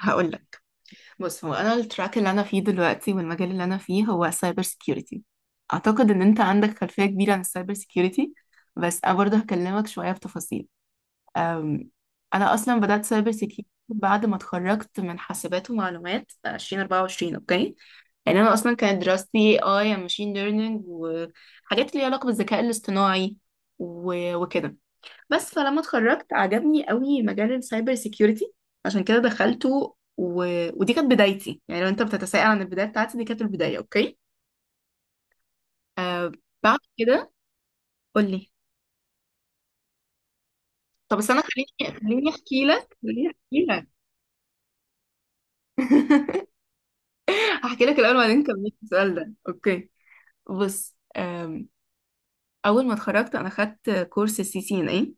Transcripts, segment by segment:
هقول لك. بص، هو انا التراك اللي انا فيه دلوقتي والمجال اللي انا فيه هو سايبر سيكيورتي. اعتقد ان انت عندك خلفية كبيرة عن السايبر سيكيورتي، بس انا برضه هكلمك شوية في تفاصيل. أم، انا اصلا بدأت سايبر سيكيورتي بعد ما اتخرجت من حاسبات ومعلومات 2024. اوكي. يعني انا اصلا كانت دراستي اي ماشين ليرنينج وحاجات ليها علاقة بالذكاء الاصطناعي وكده. بس فلما اتخرجت عجبني قوي مجال السايبر سيكيورتي، عشان كده دخلته ودي كانت بدايتي. يعني لو انت بتتساءل عن البداية بتاعتي، دي كانت البداية. اوكي. آه. بعد كده، قول لي. طب استنى، خليني احكي لك. هحكي لك الاول وبعدين كملت السؤال ده. اوكي. بص اول ما اتخرجت انا خدت كورس سي سي ان اي.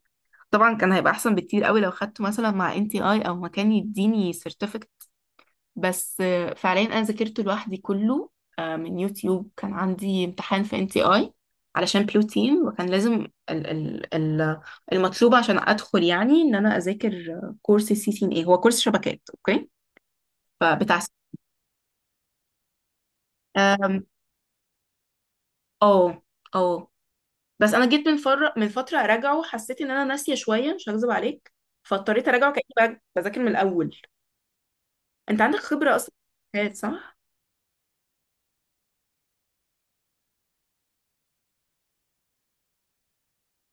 طبعا كان هيبقى احسن بكتير قوي لو خدته مثلا مع ان تي اي، او مكان يديني certificate. بس فعليا انا ذاكرته لوحدي كله من يوتيوب. كان عندي امتحان في ان تي اي علشان بلوتين، وكان لازم ال المطلوب عشان ادخل، يعني ان انا اذاكر كورس السي سي ان اي هو كورس شبكات. اوكي. فبتاع آم، اه، اه. بس انا جيت من فتره اراجعه، حسيت ان انا ناسيه شويه، مش هكذب عليك. فاضطريت اراجعه كاني بذاكر من الاول. انت عندك خبره اصلا في الشبكات، صح؟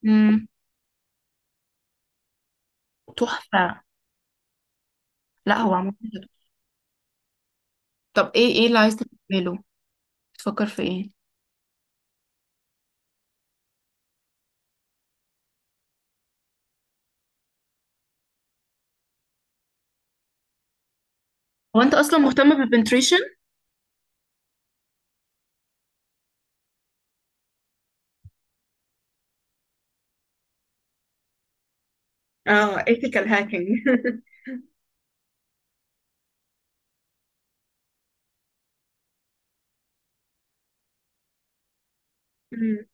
امم. تحفه. لا، هو عمل. طب ايه اللي عايز تعمله؟ بتفكر في ايه؟ هو انت اصلا مهتمه بالبنتريشن؟ اه، ethical hacking. مم.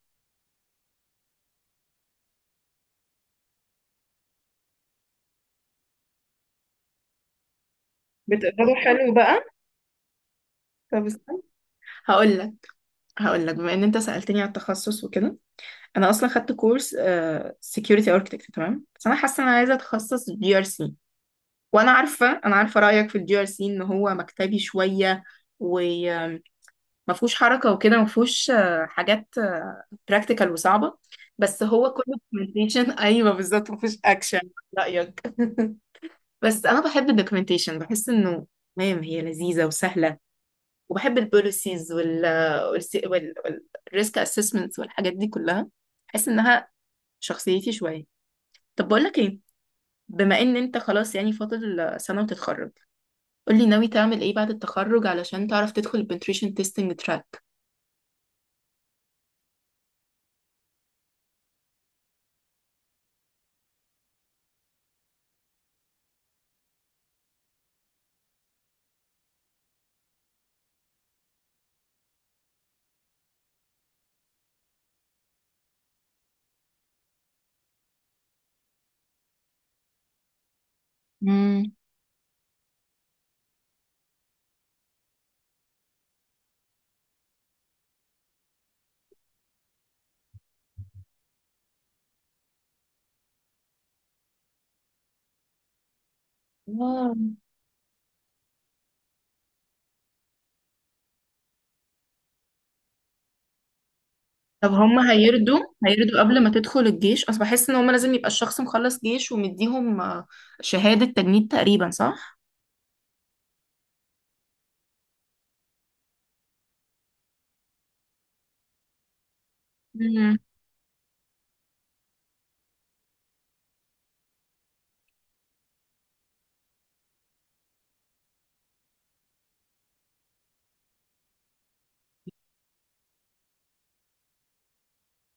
بتقدروا حلو بقى. طب استنى. هقول لك هقول لك بما ان انت سألتني على التخصص وكده، انا اصلا خدت كورس سكيورتي اركتكت. تمام، بس انا حاسه ان انا عايزه اتخصص جي ار سي. وانا عارفه رايك في الجي ار سي، ان هو مكتبي شويه وما فيهوش حركه وكده، ما فيهوش حاجات براكتيكال وصعبه. بس هو كله documentation. ايوه بالظبط، ما فيهوش اكشن. رايك. بس انا بحب الدوكيومنتيشن، بحس انه تمام، هي لذيذه وسهله. وبحب البوليسيز والريسك اسسمنتس والحاجات دي كلها، بحس انها شخصيتي شويه. طب بقول لك ايه، بما ان انت خلاص يعني فاضل سنه وتتخرج، قول لي ناوي تعمل ايه بعد التخرج علشان تعرف تدخل البنتريشن تيستنج تراك. امم. واو. طب هم هيردوا قبل ما تدخل الجيش؟ اصل بحس ان هم لازم يبقى الشخص مخلص جيش ومديهم شهاده تجنيد تقريبا، صح؟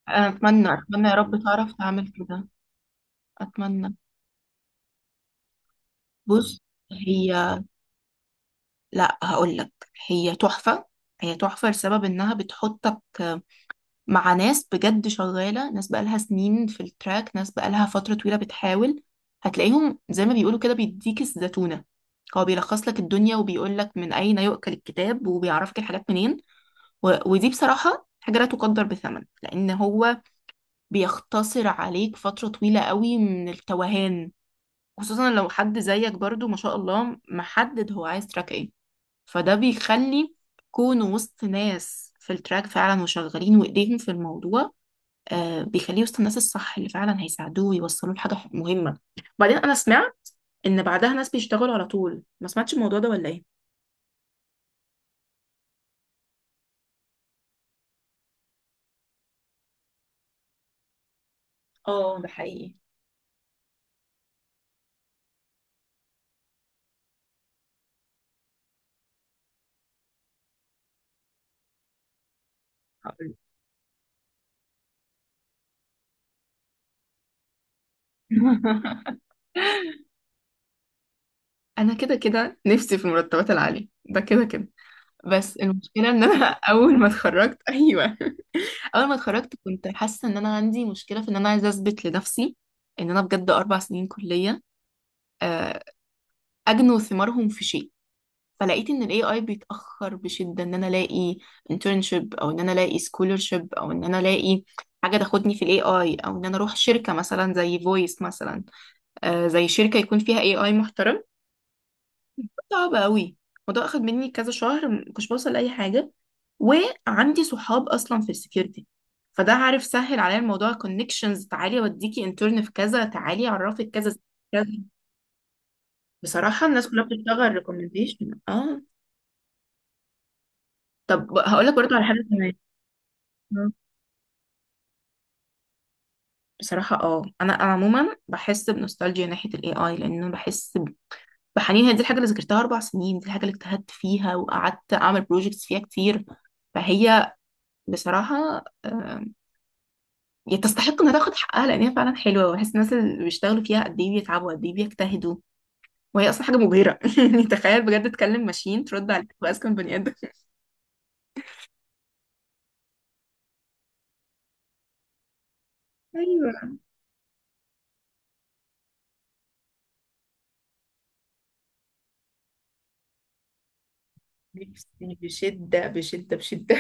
اتمنى اتمنى يا رب تعرف تعمل كده. اتمنى. بص، هي، لا هقول لك، هي تحفة. هي تحفة لسبب انها بتحطك مع ناس بجد شغالة، ناس بقالها سنين في التراك، ناس بقالها فترة طويلة بتحاول. هتلاقيهم زي ما بيقولوا كده بيديك الزتونة، هو بيلخص لك الدنيا وبيقول لك من اين يؤكل الكتاب، وبيعرفك الحاجات منين ودي بصراحة حاجة لا تقدر بثمن، لأن هو بيختصر عليك فترة طويلة قوي من التوهان، خصوصا لو حد زيك برضو ما شاء الله محدد هو عايز تراك ايه. فده بيخلي كونه وسط ناس في التراك فعلا وشغالين وايديهم في الموضوع، بيخليه وسط الناس الصح اللي فعلا هيساعدوه ويوصلوه لحاجة مهمة. بعدين انا سمعت ان بعدها ناس بيشتغلوا على طول، ما سمعتش الموضوع ده ولا ايه؟ اه، ده حقيقي. هقول. انا كده كده نفسي في المرتبات العالية، ده كده كده. بس المشكلة ان انا اول ما اتخرجت ايوه، اول ما اتخرجت كنت حاسه ان انا عندي مشكله في ان انا عايزه اثبت لنفسي ان انا بجد اربع سنين كليه آه، اجنوا ثمارهم في شيء. فلقيت ان الاي اي بيتاخر بشده ان انا الاقي internship، او ان انا الاقي scholarship، او ان انا الاقي حاجه تاخدني في الاي اي، او ان انا اروح شركه مثلا زي فويس مثلا، زي شركه يكون فيها اي اي. صعب قوي. الموضوع اخد مني كذا شهر، ما كنتش بوصل لاي حاجه. وعندي صحاب اصلا في السكيورتي، فده عارف سهل عليا الموضوع، كونكشنز. تعالي اوديكي انترن في كذا، تعالي اعرفك كذا كذا. بصراحه الناس كلها بتشتغل ريكومنديشن، اه. طب هقول لك برضه على حاجه كمان. آه. بصراحه اه، انا عموما بحس بنوستالجيا ناحيه الاي اي، لانه بحس بحنين. هي دي الحاجه اللي ذاكرتها اربع سنين، دي الحاجه اللي اجتهدت فيها وقعدت اعمل بروجكتس فيها كتير. فهي بصراحه آه، يعني تستحق انها تاخد حقها، لان هي فعلا حلوه، وبحس الناس اللي بيشتغلوا فيها قد ايه بيتعبوا، قد ايه بيجتهدوا. وهي اصلا حاجه مبهره. يعني تخيل بجد، تكلم ماشين ترد عليك واذكى من بني ادم. ايوه. نفسي بشدة بشدة بشدة.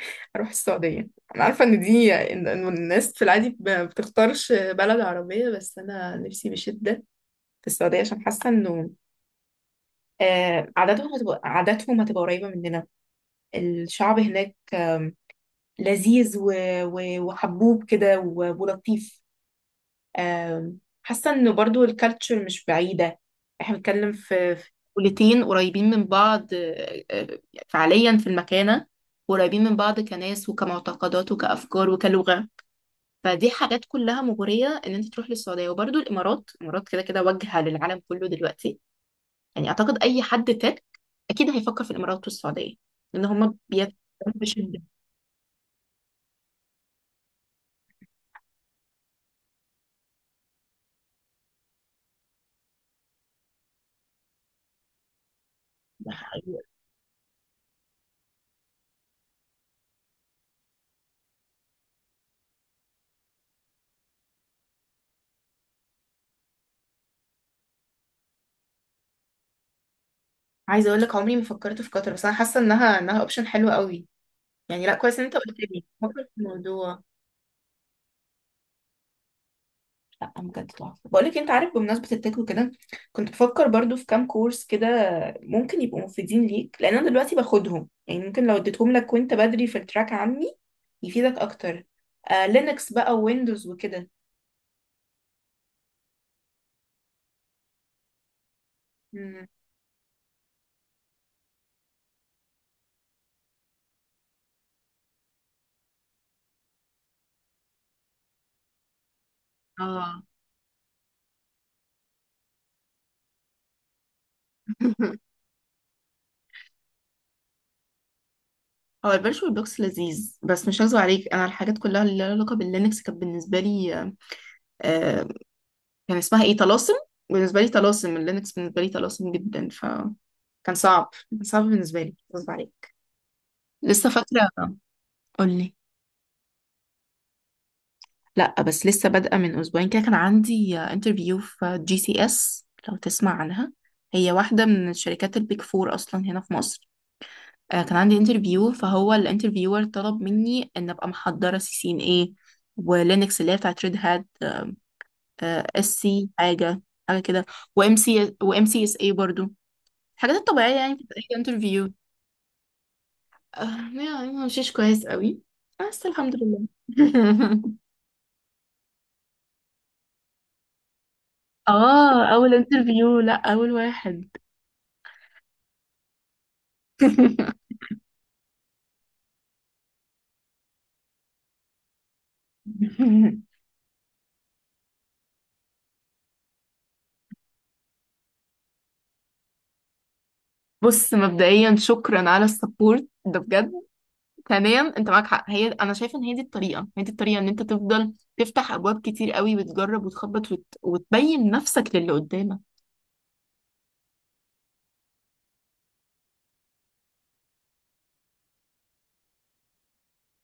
اروح السعودية. انا عارفة ان دي إن الناس في العادي بتختارش بلد عربية، بس انا نفسي بشدة في السعودية، عشان حاسة انه عاداتهم هتبقى قريبة مننا. الشعب هناك لذيذ وحبوب كده ولطيف. حاسة انه برضو الكالتشر مش بعيدة. احنا بنتكلم في دولتين قريبين من بعض. فعليا في المكانة قريبين من بعض، كناس وكمعتقدات وكأفكار وكلغة. فدي حاجات كلها مغرية ان انت تروح للسعودية. وبرضو الامارات، الامارات كده كده واجهة للعالم كله دلوقتي. يعني اعتقد اي حد تك اكيد هيفكر في الامارات والسعودية، لان هما بيتكلموا بشدة. ده حقيقي. عايزة اقول لك، عمري ما فكرت في قطر، بس انا حاسة انها اوبشن حلو قوي. يعني لا، كويس ان انت قلت لي، بفكر في الموضوع. لا بجد تحفه. بقول لك انت عارف، بمناسبه التك وكده كنت بفكر برضو في كام كورس كده ممكن يبقوا مفيدين ليك، لان انا دلوقتي باخدهم، يعني ممكن لو اديتهم لك وانت بدري في التراك عني يفيدك اكتر. آه، لينكس بقى، ويندوز، وكده. مم. اه. هو الفيرتشوال بوكس لذيذ، بس مش هكذب عليك، انا الحاجات كلها اللي لها علاقه باللينكس كانت بالنسبه لي كان اسمها ايه، طلاسم. بالنسبه لي طلاسم. اللينكس بالنسبه لي طلاسم جدا، ف كان صعب، كان صعب بالنسبه لي غصب عليك. لسه فاكره. قولي. لا، بس لسه بادئه من اسبوعين كده، كان عندي انترفيو في جي سي اس، لو تسمع عنها، هي واحده من الشركات البيك فور اصلا هنا في مصر. كان عندي انترفيو، فهو الانترفيور طلب مني ان ابقى محضره سي سي ان اي، ولينكس اللي هي بتاعت ريد هات، اس سي حاجه، حاجه كده. وام سي اس اي برضو، الحاجات الطبيعية يعني بتاعت أي انترفيو. آه، يعني ما مشيش كويس قوي، بس الحمد لله. اه، أول انترفيو، لأ أول واحد. بص مبدئيا، شكرا على السبورت ده بجد. ثانيا انت معاك حق، هي انا شايفه ان هي دي الطريقه، هي دي الطريقه ان انت تفضل تفتح ابواب كتير قوي، وتجرب وتخبط وتبين نفسك للي قدامك.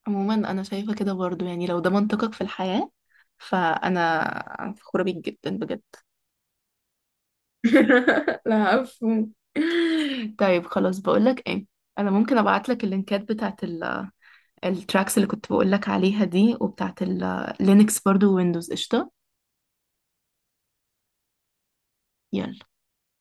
عموما انا شايفه كده برضو، يعني لو ده منطقك في الحياه، فانا فخوره بيك جدا بجد. لا مفهوم. طيب خلاص، بقولك ايه، انا ممكن ابعتلك اللينكات بتاعت التراكس اللي كنت بقولك عليها دي، وبتاعت اللينكس برضو، ويندوز. قشطة، يلا.